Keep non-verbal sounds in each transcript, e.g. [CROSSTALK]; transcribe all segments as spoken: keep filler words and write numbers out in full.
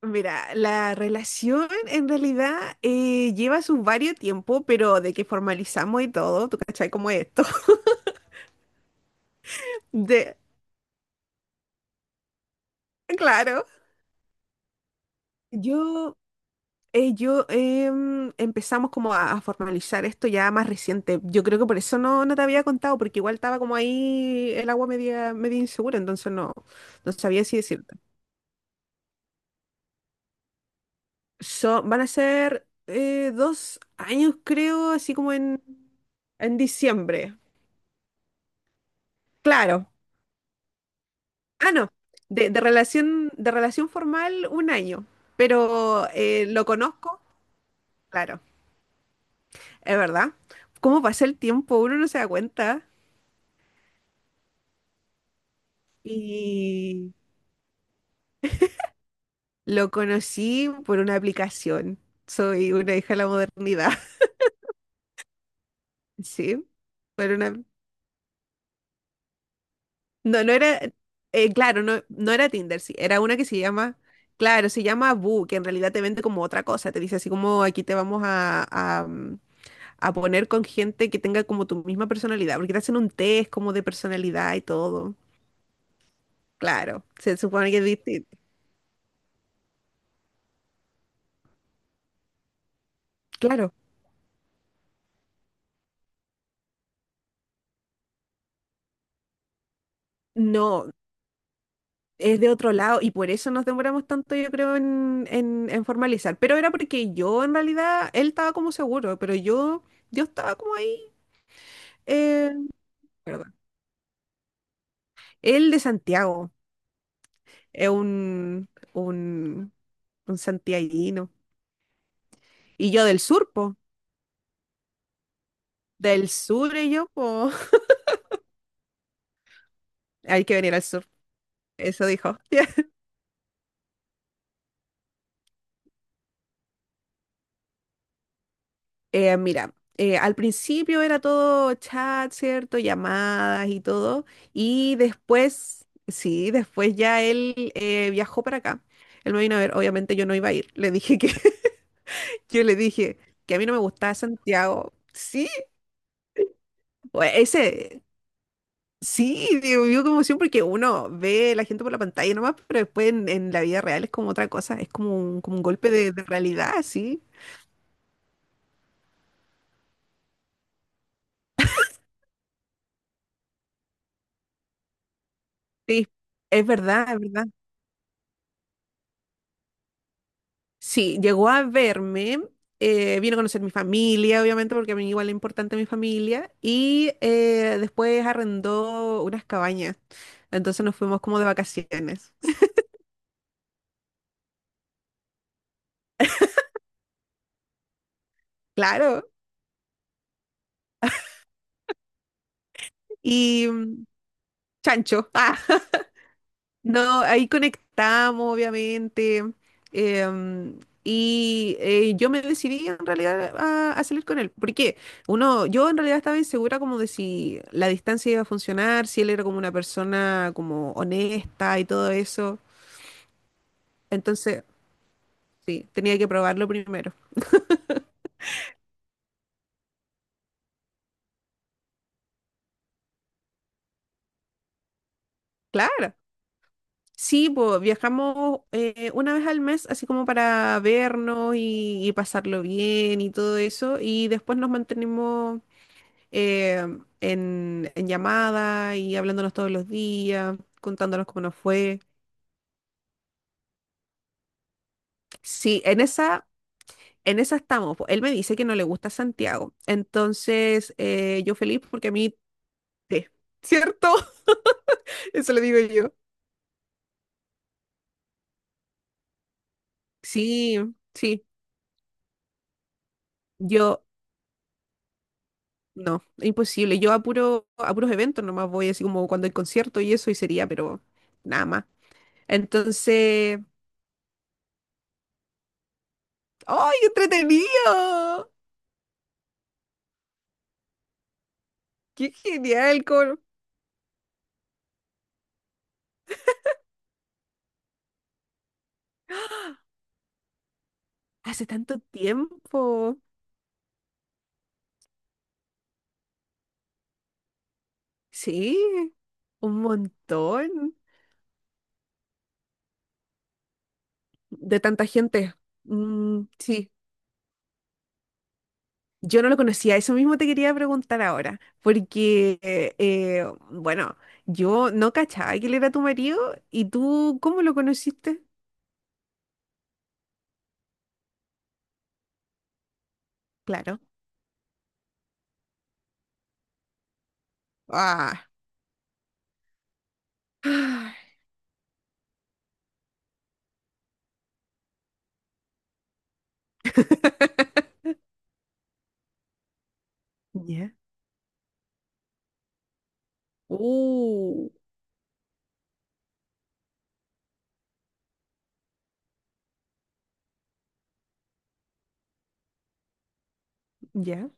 Mira, la relación en realidad eh, lleva su varios tiempo, pero de que formalizamos y todo, ¿tú cachai cómo es esto? [LAUGHS] De, claro, yo, eh, yo em, empezamos como a, a formalizar esto ya más reciente. Yo creo que por eso no, no te había contado, porque igual estaba como ahí el agua media, media insegura, entonces no, no sabía si decirte. So- van a ser eh, dos años, creo, así como en, en diciembre. Claro. Ah, no, de, de relación, de relación formal un año, pero eh, lo conozco, claro, es verdad. ¿Cómo pasa el tiempo? Uno no se da cuenta. Y lo conocí por una aplicación. Soy una hija de la modernidad. [LAUGHS] ¿Sí? Por una... No, no era, eh, claro, no, no era Tinder, sí, era una que se llama, claro, se llama Boo, que en realidad te vende como otra cosa, te dice así como aquí te vamos a, a, mm, a poner con gente que tenga como tu misma personalidad, porque te hacen un test como de personalidad y todo. Claro, se supone que es distinto. Claro, no, es de otro lado y por eso nos demoramos tanto, yo creo, en, en, en formalizar. Pero era porque yo, en realidad, él estaba como seguro, pero yo, yo estaba como ahí. eh, Perdón. Él de Santiago, es un, un, un santiaguino. Y yo del sur, po. Del sur y yo, po. [LAUGHS] Hay que venir al sur, eso dijo. Eh, mira, eh, al principio era todo chat, ¿cierto? Llamadas y todo. Y después, sí, después ya él eh, viajó para acá. Él me vino a ver, obviamente yo no iba a ir. Le dije que, [LAUGHS] yo le dije que a mí no me gustaba Santiago. Sí, o ese, sí, digo, vio como emoción porque uno ve la gente por la pantalla nomás, pero después en, en la vida real es como otra cosa, es como un, como un golpe de, de realidad, sí. Sí, es verdad, es verdad. Sí, llegó a verme, eh, vino a conocer mi familia, obviamente, porque a mí igual es importante mi familia, y eh, después arrendó unas cabañas, entonces nos fuimos como de vacaciones, claro, y mm, chancho. [LAUGHS] No, ahí conectamos, obviamente. em, y eh, yo me decidí en realidad a, a salir con él. Porque uno, yo en realidad estaba insegura como de si la distancia iba a funcionar, si él era como una persona como honesta y todo eso. Entonces, sí, tenía que probarlo primero. Claro. Sí, pues viajamos eh, una vez al mes, así como para vernos y, y pasarlo bien y todo eso. Y después nos mantenimos, eh, en, en llamada y hablándonos todos los días, contándonos cómo nos fue. Sí, en esa, en esa estamos, po. Él me dice que no le gusta Santiago. Entonces, eh, yo feliz porque a mí, sí, ¿cierto? [LAUGHS] Eso le digo yo. Sí, sí, yo no, imposible. Yo a, puro, a puros eventos nomás voy, así como cuando hay concierto y eso, y sería, pero nada más. Entonces, ¡ay, qué entretenido! ¡Qué genial! ¿Cómo, Hace tanto tiempo. Sí, un montón de tanta gente. Mm, sí, yo no lo conocía. Eso mismo te quería preguntar ahora, porque, eh, eh, bueno, yo no cachaba que él era tu marido y tú, ¿cómo lo conociste? Claro. Ah. Ah. [LAUGHS] Ya. Uh, ya.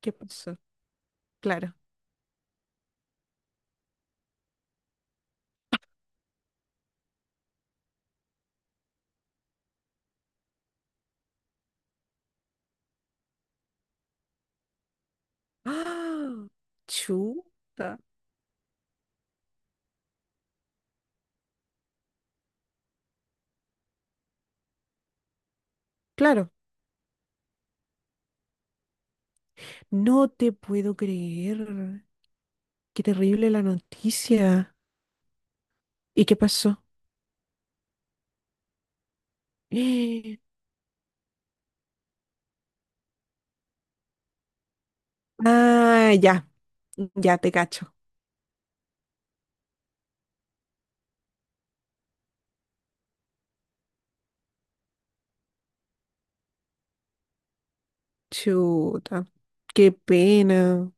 ¿Qué pasó? Claro. [GASPS] Ah, chuta. Claro. No te puedo creer. Qué terrible la noticia. ¿Y qué pasó? [GASPS] Ah, ya, ya te cacho. Chuta, qué pena.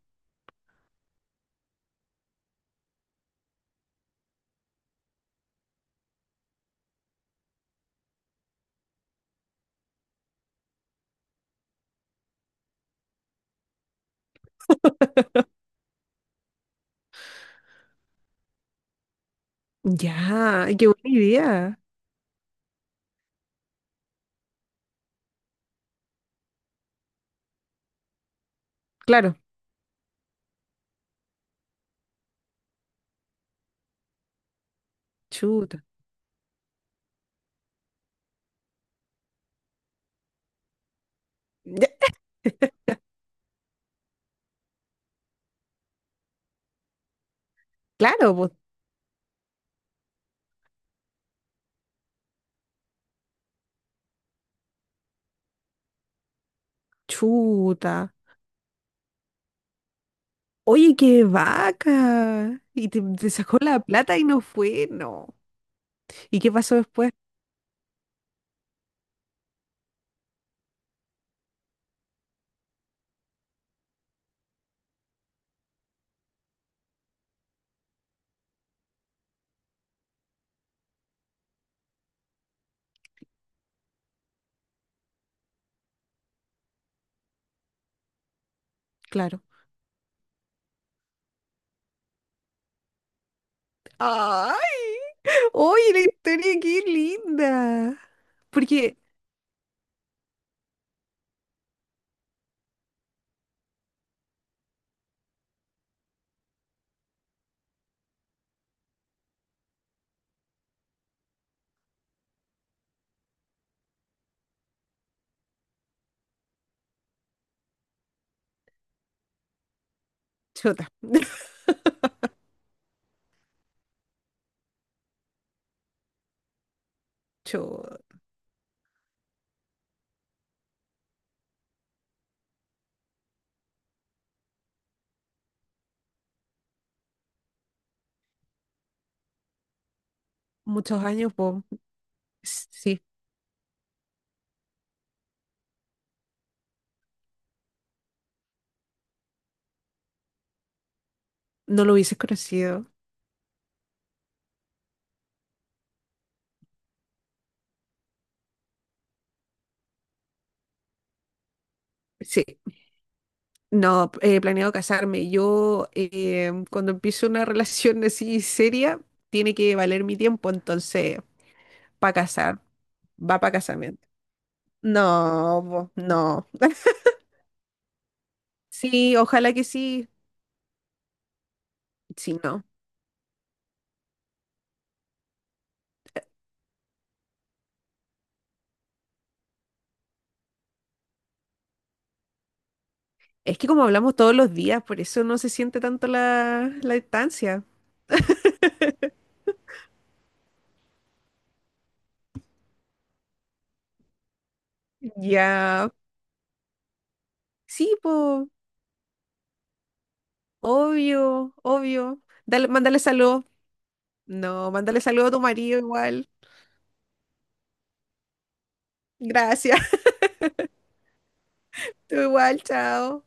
Ya, qué buena idea. Claro, chuta. Ya. [LAUGHS] Claro, pues, chuta. Oye, qué vaca. Y te, te sacó la plata y no fue, no. ¿Y qué pasó después? Claro. ¡Ay! Oye, la historia, qué linda. Porque, chuta, [LAUGHS] chuta. Muchos años, pues. Sí, no lo hubiese conocido. Sí, no, he planeado casarme. Yo, eh, cuando empiezo una [LAUGHS] relación así seria, tiene que valer mi tiempo, entonces, para casar, va para casamiento. No, po, no. [LAUGHS] Sí, ojalá que sí. Sí, no. Es que como hablamos todos los días, por eso no se siente tanto la, la distancia. Ya. Sí, po, obvio, obvio. Dale, mándale saludos. No, mándale saludos a tu marido igual. Gracias. [LAUGHS] Tú igual, chao.